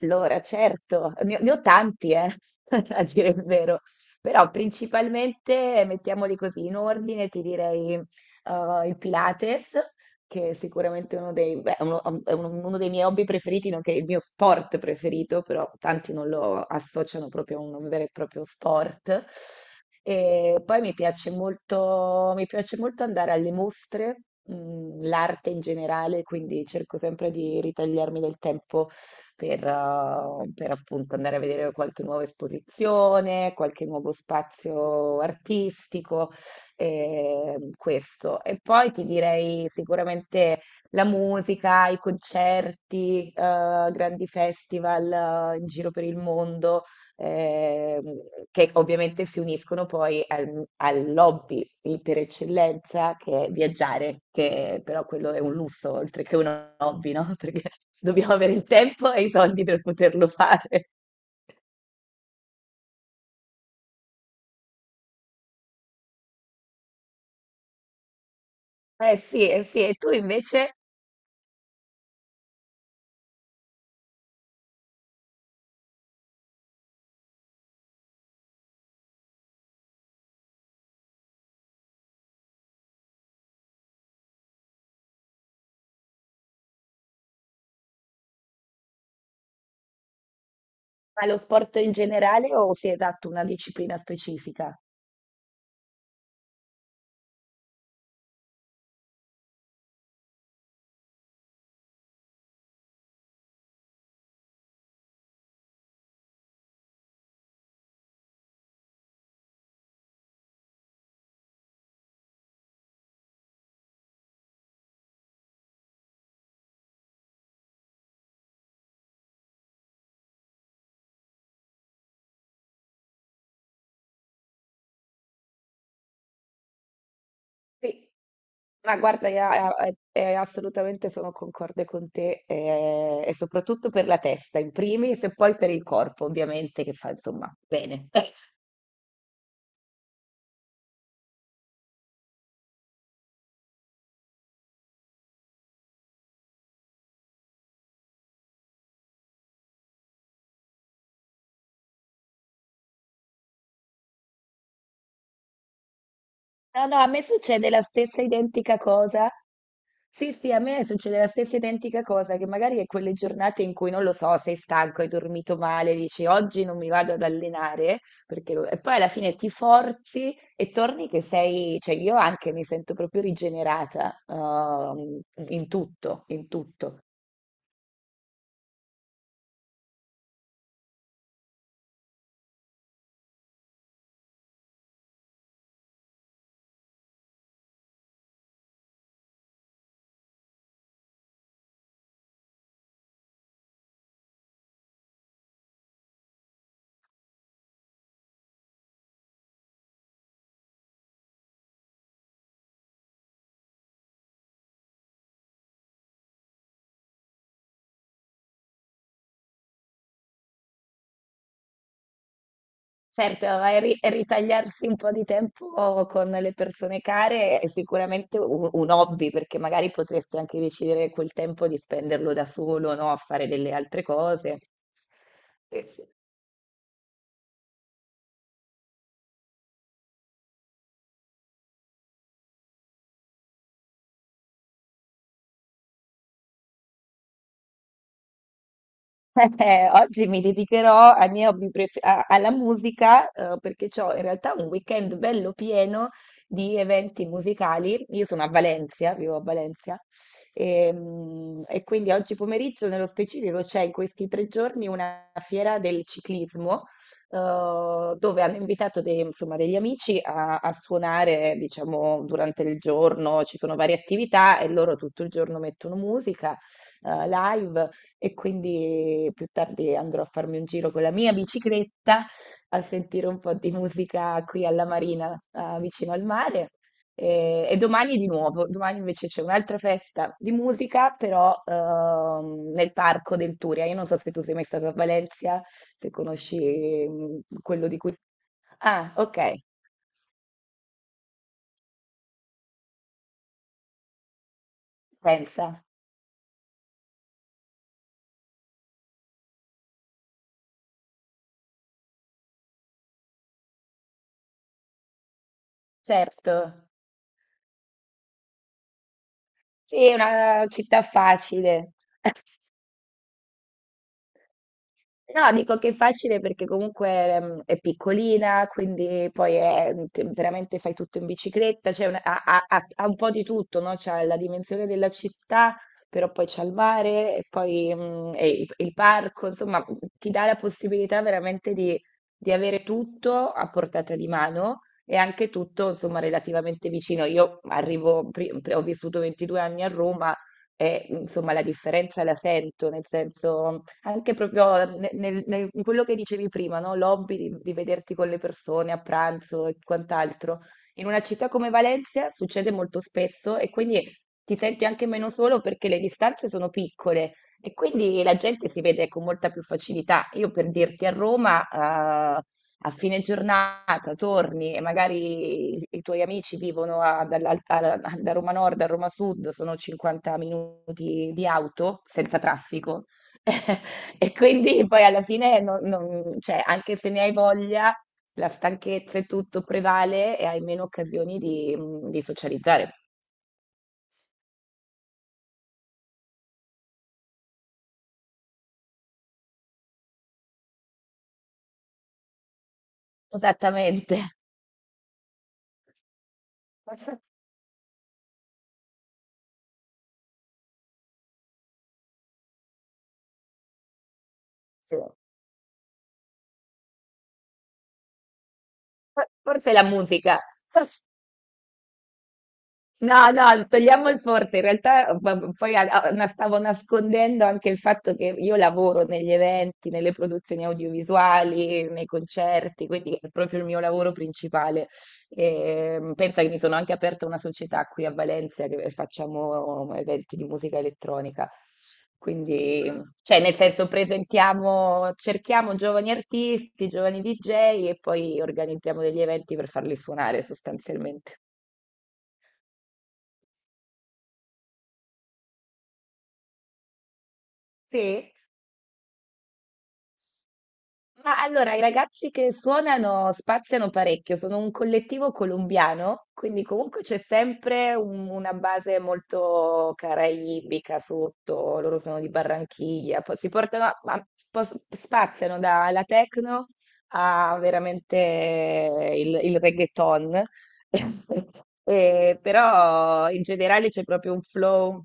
Allora, certo, ne ho tanti, a dire il vero, però principalmente, mettiamoli così, in ordine ti direi il Pilates, che è sicuramente uno dei, beh, uno dei miei hobby preferiti, nonché il mio sport preferito, però tanti non lo associano proprio a un vero e proprio sport. E poi mi piace molto andare alle mostre, l'arte in generale, quindi cerco sempre di ritagliarmi del tempo per appunto andare a vedere qualche nuova esposizione, qualche nuovo spazio artistico, questo. E poi ti direi sicuramente la musica, i concerti, grandi festival, in giro per il mondo ehm, che ovviamente si uniscono poi al lobby per eccellenza che è viaggiare, che però quello è un lusso oltre che un hobby, no? Perché dobbiamo avere il tempo e i soldi per poterlo fare. Sì, eh sì, e tu invece fai lo sport in generale o sei esatto una disciplina specifica? Sì. Ma guarda, io, assolutamente sono concorde con te e soprattutto per la testa in primis e poi per il corpo, ovviamente, che fa insomma bene. No, no, a me succede la stessa identica cosa. Sì, sì, a me succede la stessa identica cosa, che magari è quelle giornate in cui non lo so, sei stanco, hai dormito male, dici oggi non mi vado ad allenare, e poi alla fine ti forzi e torni che sei, cioè io anche mi sento proprio rigenerata, in tutto, in tutto. Certo, e e ritagliarsi un po' di tempo con le persone care è sicuramente un hobby, perché magari potresti anche decidere quel tempo di spenderlo da solo, no? A fare delle altre cose. Eh sì. Oggi mi dedicherò ai miei hobby alla musica, perché ho in realtà un weekend bello pieno di eventi musicali. Io sono a Valencia, vivo a Valencia, e quindi oggi pomeriggio, nello specifico, c'è in questi 3 giorni una fiera del ciclismo, dove hanno invitato insomma, degli amici a suonare, diciamo, durante il giorno. Ci sono varie attività e loro tutto il giorno mettono musica live. E quindi più tardi andrò a farmi un giro con la mia bicicletta a sentire un po' di musica qui alla Marina, vicino al mare. E domani di nuovo, domani invece c'è un'altra festa di musica, però nel parco del Turia. Io non so se tu sei mai stato a Valencia, se conosci quello di cui... Ah, ok, pensa, certo. Sì, è una città facile. No, dico che è facile perché comunque è piccolina, quindi poi è, veramente fai tutto in bicicletta, c'è ha un po' di tutto, no? C'ha la dimensione della città, però poi c'è il mare e poi e il parco, insomma, ti dà la possibilità veramente di avere tutto a portata di mano e anche tutto, insomma, relativamente vicino. Io arrivo, ho vissuto 22 anni a Roma e, insomma, la differenza la sento, nel senso... Anche proprio in quello che dicevi prima, no? L'hobby di vederti con le persone a pranzo e quant'altro. In una città come Valencia succede molto spesso e quindi ti senti anche meno solo perché le distanze sono piccole e quindi la gente si vede con molta più facilità. Io per dirti a Roma, a fine giornata torni e magari i tuoi amici vivono da Roma Nord a Roma Sud, sono 50 minuti di auto senza traffico. E quindi poi alla fine non, cioè, anche se ne hai voglia, la stanchezza e tutto prevale e hai meno occasioni di socializzare. Esattamente. Sì. Forse la musica. No, no, togliamo il forse, in realtà poi stavo nascondendo anche il fatto che io lavoro negli eventi, nelle produzioni audiovisuali, nei concerti, quindi è proprio il mio lavoro principale. E, pensa che mi sono anche aperta una società qui a Valencia che facciamo eventi di musica elettronica. Quindi, cioè, nel senso, presentiamo, cerchiamo giovani artisti, giovani DJ e poi organizziamo degli eventi per farli suonare sostanzialmente. Sì? Ma allora, i ragazzi che suonano spaziano parecchio, sono un collettivo colombiano, quindi comunque c'è sempre una base molto caraibica sotto, loro sono di Barranchiglia, poi si portano, ma spaziano dalla techno a veramente il reggaeton. Però in generale c'è proprio un flow.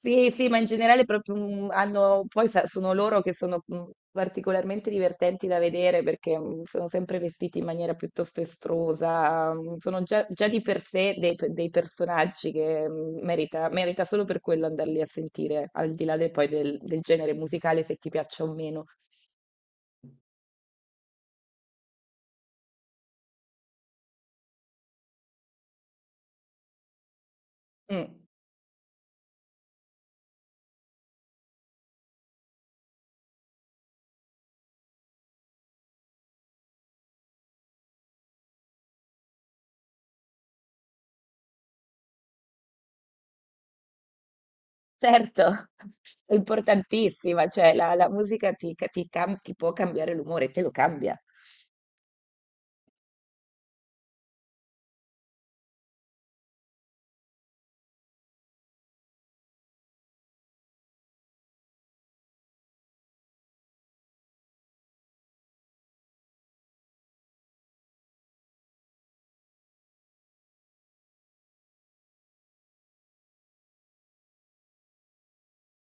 Sì, sì, ma in generale proprio hanno, sono loro che sono particolarmente divertenti da vedere perché sono sempre vestiti in maniera piuttosto estrusa, sono già di per sé dei personaggi che merita solo per quello andarli a sentire, al di là del genere musicale, se ti piaccia o meno. Mm. Certo, è importantissima, cioè la musica ti può cambiare l'umore, te lo cambia,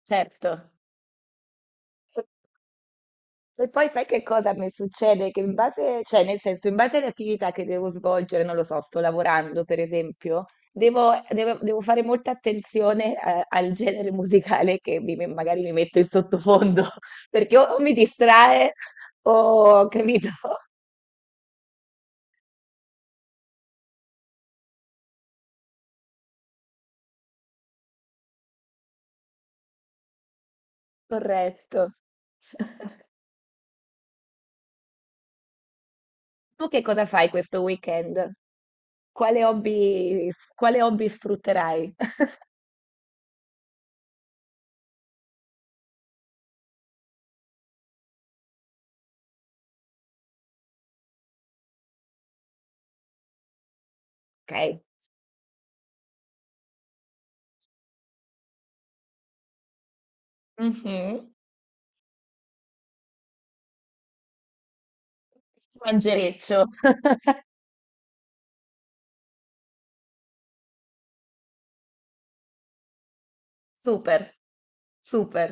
certo. E e poi sai che cosa mi succede? Che in base, cioè nel senso, in base alle attività che devo svolgere, non lo so, sto lavorando per esempio, devo fare molta attenzione al genere musicale che magari mi metto in sottofondo, perché o mi distrae o, capito? Corretto. Tu che cosa fai questo weekend? Quale hobby s quale hobby sfrutterai? Okay. Mh-mh. Mangereccio. Super, super.